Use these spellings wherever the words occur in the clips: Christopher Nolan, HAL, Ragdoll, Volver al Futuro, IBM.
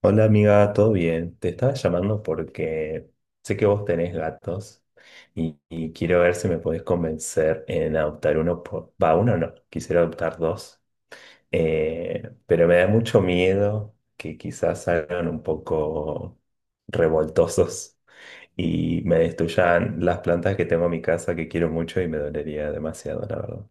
Hola amiga, ¿todo bien? Te estaba llamando porque sé que vos tenés gatos y quiero ver si me podés convencer en adoptar uno, va, uno no, quisiera adoptar dos. Pero me da mucho miedo que quizás salgan un poco revoltosos y me destruyan las plantas que tengo en mi casa que quiero mucho y me dolería demasiado, la verdad.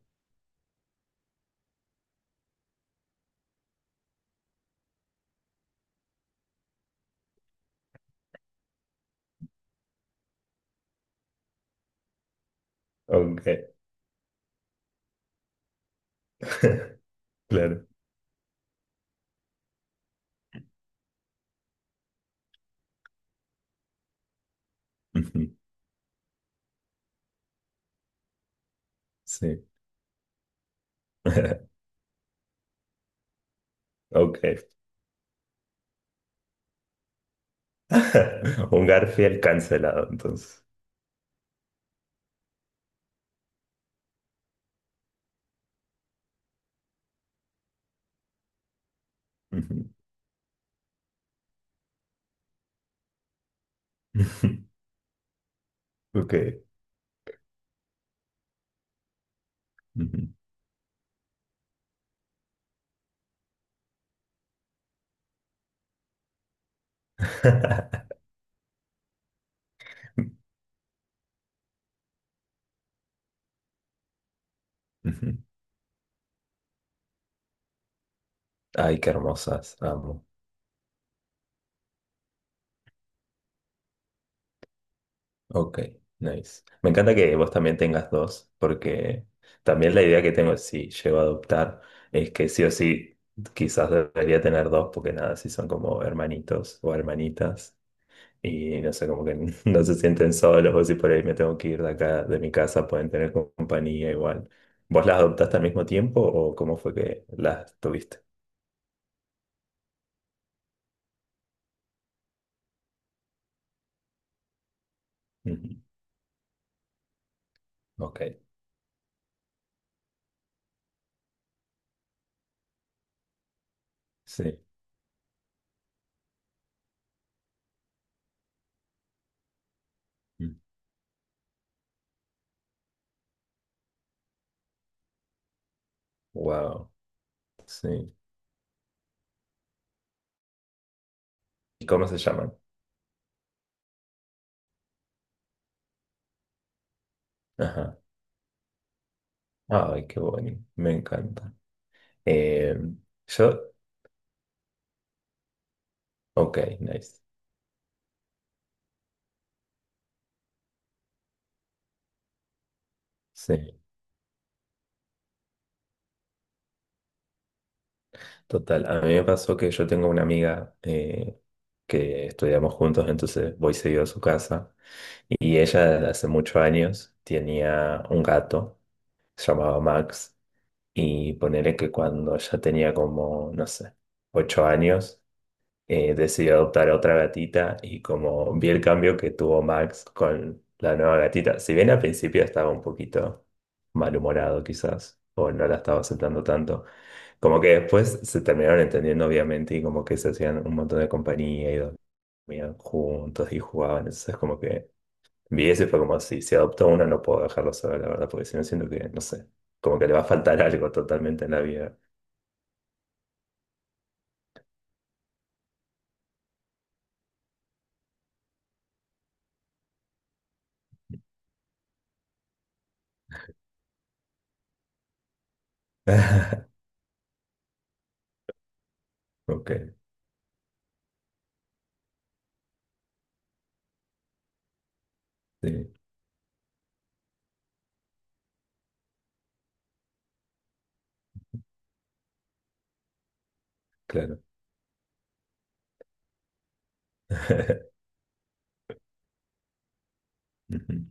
Ok. Claro. Ujú. Sí. Ok. Un Garfield cancelado, entonces. Ujú. Ok. Ujú. Ujú. Ay, qué hermosas, amo. Ok, nice. Me encanta que vos también tengas dos, porque también la idea que tengo, si llego a adoptar, es que sí o sí, quizás debería tener dos, porque nada, si son como hermanitos o hermanitas. Y no sé, como que no se sienten solos, o si por ahí me tengo que ir de acá, de mi casa, pueden tener compañía igual. ¿Vos las adoptaste al mismo tiempo o cómo fue que las tuviste? Ujú, ok, sí. Wow, sí. ¿Y cómo se llaman? Ajá. Ay, qué bonito, me encanta. Eh, yo, ok, nice. Sí. Total, a mí me pasó que yo tengo una amiga que estudiamos juntos, entonces voy seguido a su casa y ella desde hace muchos años tenía un gato, se llamaba Max, y ponele que cuando ya tenía como, no sé, 8 años, decidí adoptar a otra gatita y como vi el cambio que tuvo Max con la nueva gatita, si bien al principio estaba un poquito malhumorado quizás, o no la estaba aceptando tanto, como que después se terminaron entendiendo obviamente y como que se hacían un montón de compañía y dormían juntos y jugaban, entonces como que vi eso y fue como si adopto una no puedo dejarlo sola, la verdad, porque si no siento que, no sé, como que le va a faltar algo totalmente en la vida. Ok, sí, claro. Ujú.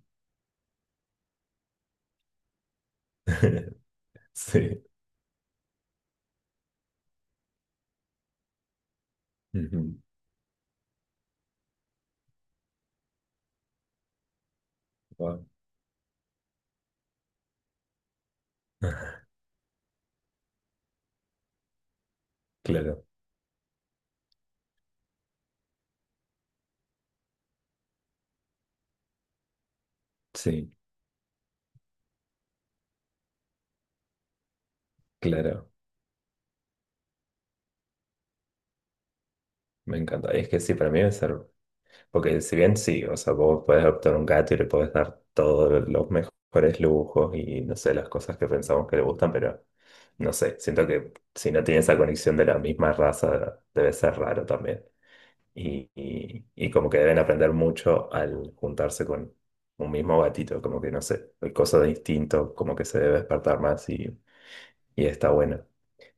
Sí. Ujú. Ah, claro, sí, claro. Me encanta. Es que sí, para mí debe ser. Porque si bien sí, o sea, vos podés adoptar un gato y le podés dar todos los mejores lujos y no sé, las cosas que pensamos que le gustan, pero no sé, siento que si no tiene esa conexión de la misma raza, debe ser raro también. Y como que deben aprender mucho al juntarse con un mismo gatito, como que no sé, hay cosas de instinto, como que se debe despertar más y está bueno.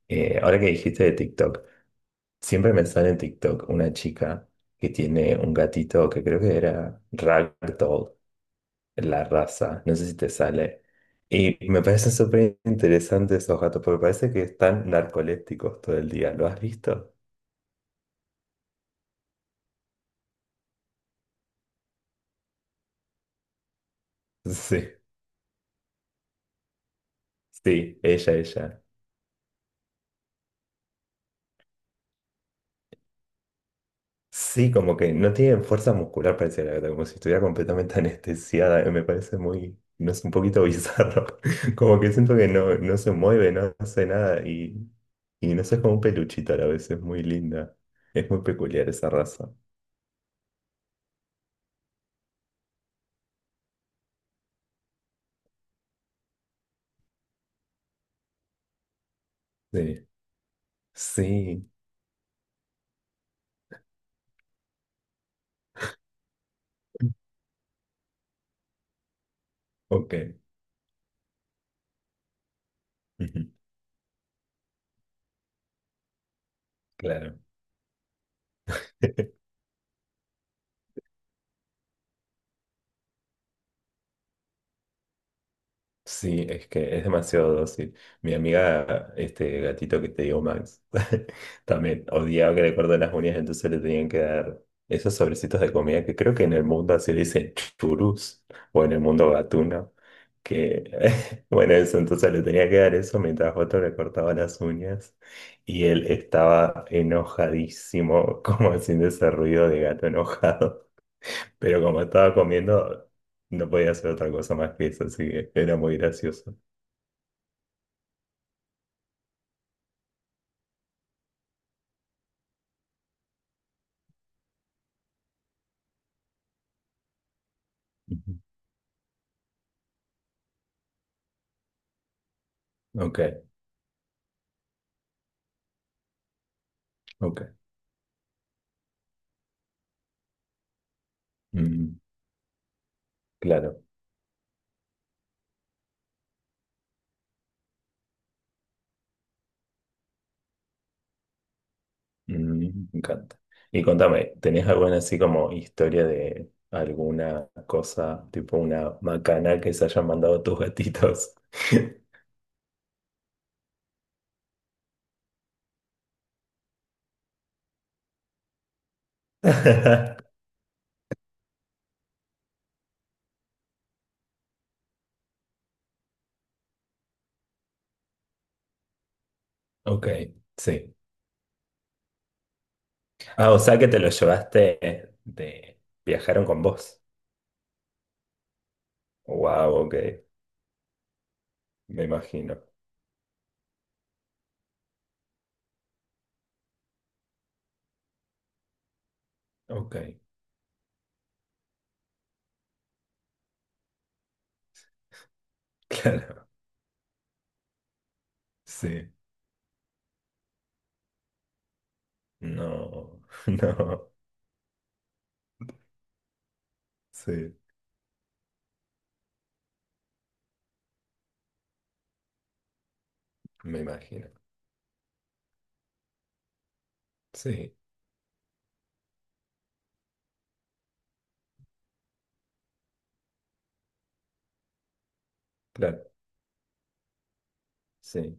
Ahora que dijiste de TikTok, siempre me sale en TikTok una chica que tiene un gatito que creo que era Ragdoll, la raza, no sé si te sale. Y me parecen súper interesantes esos gatos, porque parece que están narcolépticos todo el día. ¿Lo has visto? Sí, sí, ella. Sí, como que no tiene fuerza muscular, parece la gata, como si estuviera completamente anestesiada. Me parece muy, no es un poquito bizarro. Como que siento que no, no se mueve, no hace nada y, y no sé, es como un peluchito a la vez, es muy linda. Es muy peculiar esa raza. Sí, sí, ok, ujú, claro. Sí, es que es demasiado dócil. Mi amiga, este gatito que te digo, Max, también odiaba que le corten las uñas, entonces le tenían que dar esos sobrecitos de comida que creo que en el mundo así le dicen churus o en el mundo gatuno, que bueno, eso, entonces le tenía que dar eso mientras otro le cortaba las uñas y él estaba enojadísimo, como haciendo ese ruido de gato enojado, pero como estaba comiendo... No podía hacer otra cosa más que eso, así que era muy gracioso. Ujú. Ok, ok. Mm, claro. Mm, me encanta. Y contame, ¿tenés alguna así como historia de alguna cosa, tipo una macana que se hayan mandado tus gatitos? Ok, sí. Ah, o sea que te lo llevaste de... Viajaron con vos. Wow, ok, me imagino. Ok, claro, sí. No, no, sí, me imagino. Sí, claro, sí.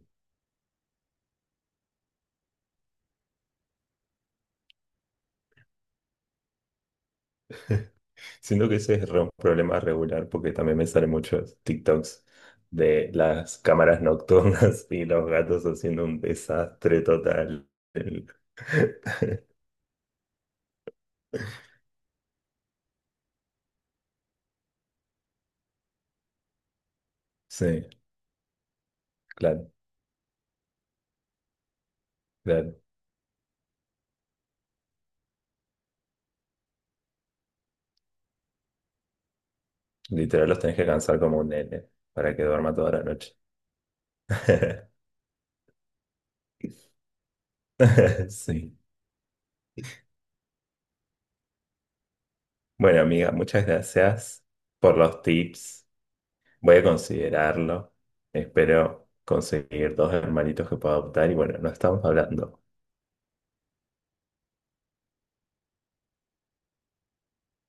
Siento que ese es un problema regular porque también me salen muchos TikToks de las cámaras nocturnas y los gatos haciendo un desastre total. El- Sí, claro, claro. Literal los tenés que cansar como un nene para que duerma toda la noche. Sí. Bueno, amiga, muchas gracias por los tips. Voy a considerarlo. Espero conseguir dos hermanitos que pueda adoptar y bueno, nos estamos hablando.